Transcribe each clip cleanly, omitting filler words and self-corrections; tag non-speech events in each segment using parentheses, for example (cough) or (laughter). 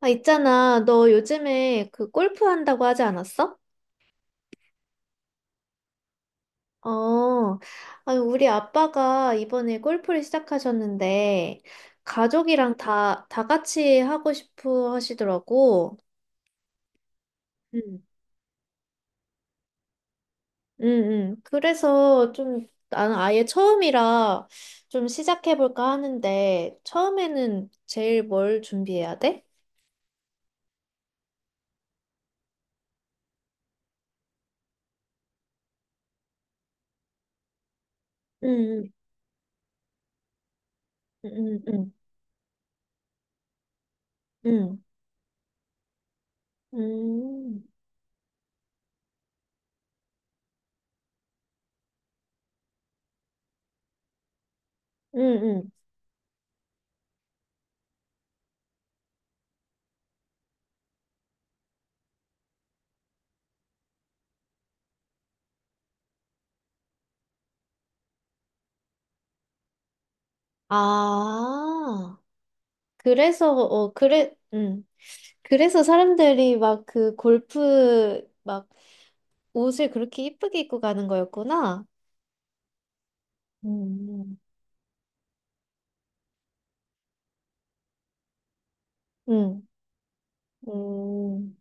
아, 있잖아. 너 요즘에 골프 한다고 하지 않았어? 어, 아니, 우리 아빠가 이번에 골프를 시작하셨는데, 가족이랑 다 같이 하고 싶어 하시더라고. 응, 응, 응. 그래서 좀, 나는 아예 처음이라 좀 시작해볼까 하는데, 처음에는 제일 뭘 준비해야 돼? 응, 응, 응, 응, 응, 응, 응, 응. 응. 아. 그래서 어 그래 그래서 사람들이 막 골프 막 옷을 그렇게 이쁘게 입고 가는 거였구나. 음, 응. 음,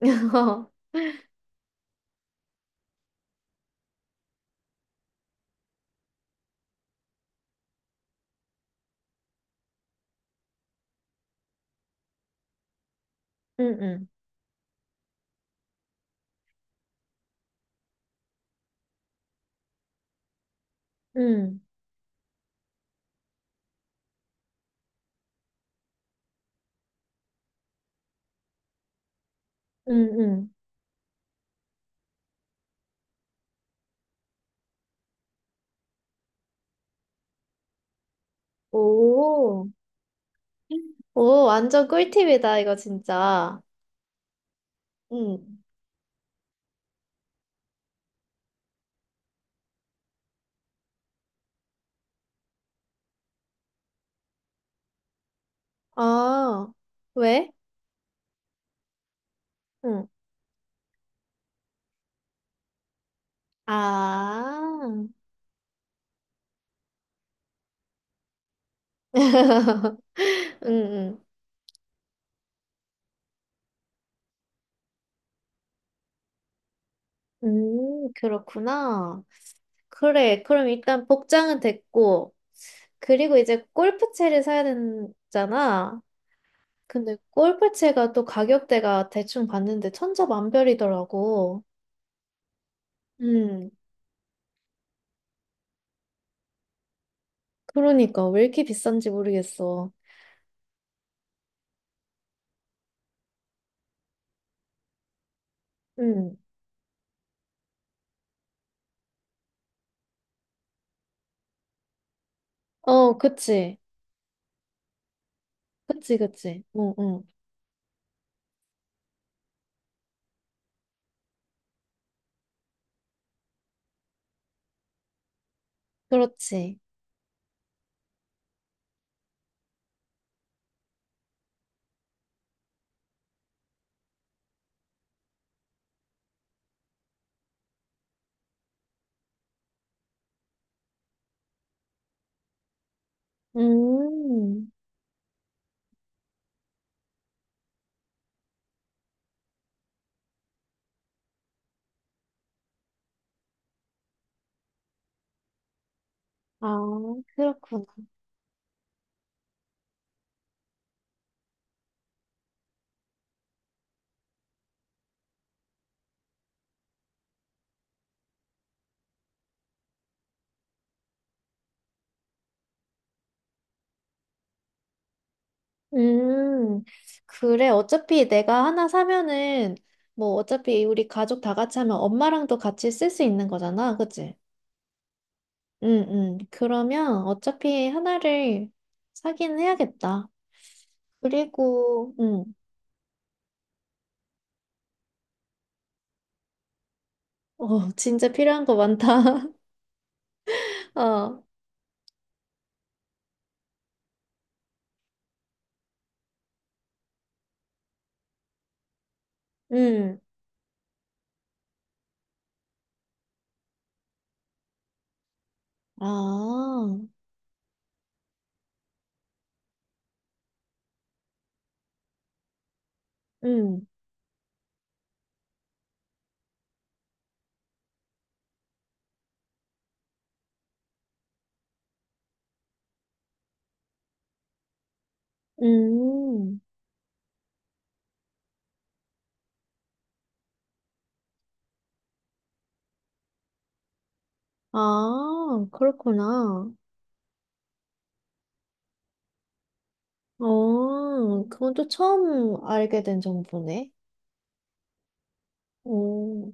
(laughs) 응응. 응. 응응. 오, 오 완전 꿀팁이다 이거 진짜. 응. 아. 왜? 응. 아. 응응. 음, 그렇구나. 그래, 그럼 일단 복장은 됐고. 그리고 이제 골프채를 사야 되잖아. 근데 골프채가 또 가격대가 대충 봤는데 천차만별이더라고. 음, 그러니까 왜 이렇게 비싼지 모르겠어. 음, 어, 그치. 그치, 그치. 응, 응. 그렇지. 음, 아, 그렇구나. 음, 그래. 어차피 내가 하나 사면은 뭐 어차피 우리 가족 다 같이 하면 엄마랑도 같이 쓸 수 있는 거잖아. 그치? 응, 응. 그러면 어차피 하나를 사긴 해야겠다. 그리고, 응. 어, 진짜 필요한 거 많다. (laughs) 어, 응. 아, 응, 응. 아, 그렇구나. 어, 그건 또 처음 알게 된 정보네. 오.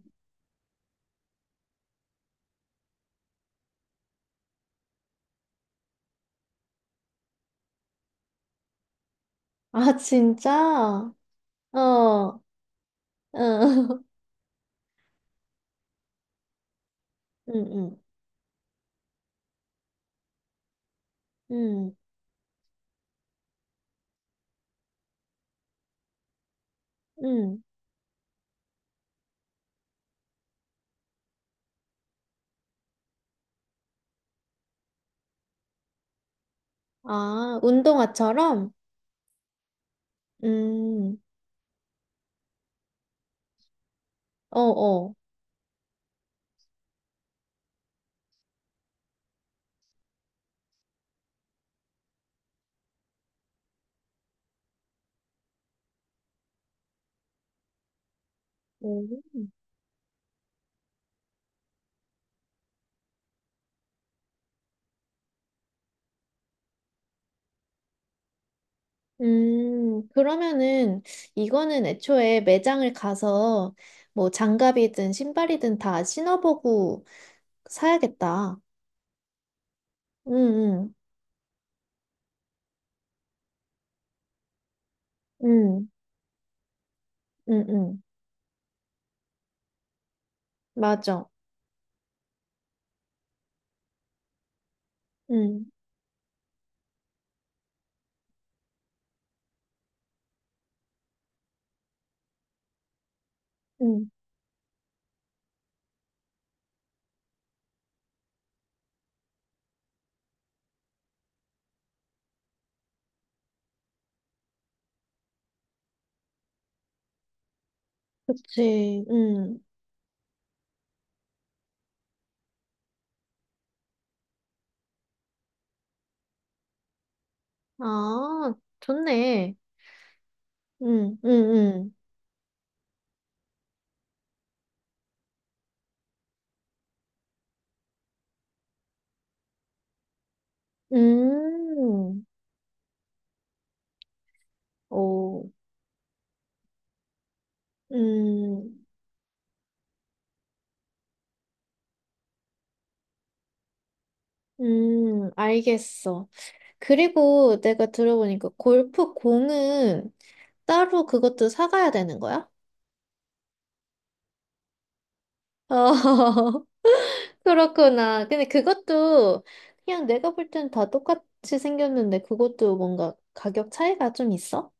아, 진짜? 어, 어. (laughs) 응, 응, 응, 응. 아, 운동화처럼? 음, 어, 어. 네. 그러면은 이거는 애초에 매장을 가서 뭐 장갑이든 신발이든 다 신어보고 사야겠다. 응, 응, 응, 응, 응. 맞아. 응, 응. 그치. 응. 아, 좋네. 응, 응, 응. 오, 음, 알겠어. 그리고 내가 들어보니까 골프 공은 따로 그것도 사가야 되는 거야? 어, (laughs) 그렇구나. 근데 그것도 그냥 내가 볼 땐 다 똑같이 생겼는데 그것도 뭔가 가격 차이가 좀 있어?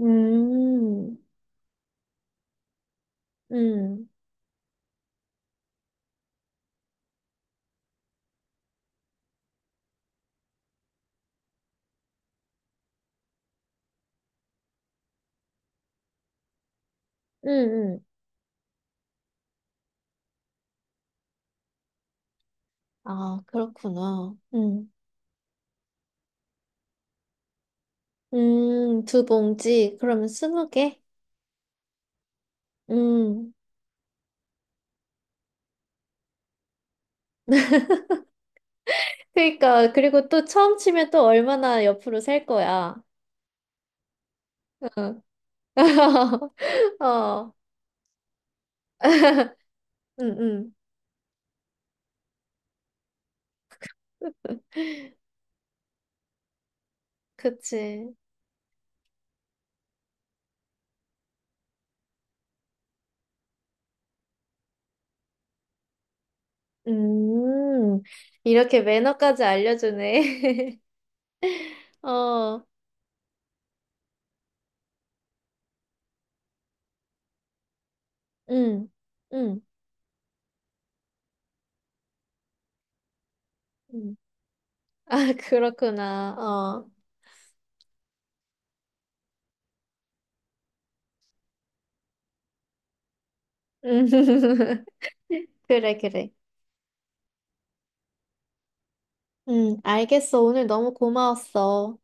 음, 음, 음, 음. 아, 그렇구나. 2봉지. 그러면 20개? 음. 그러니까, 그리고 또 처음 치면 또 얼마나 옆으로 셀 거야. (laughs) 어. (laughs) 응, 응. 그치. 음, 이렇게 매너까지 알려주네. (laughs) 어, 응, 응, 응. (laughs) 아, 그렇구나. 어. 음. (laughs) 그래, 그래. 응, 알겠어. 오늘 너무 고마웠어.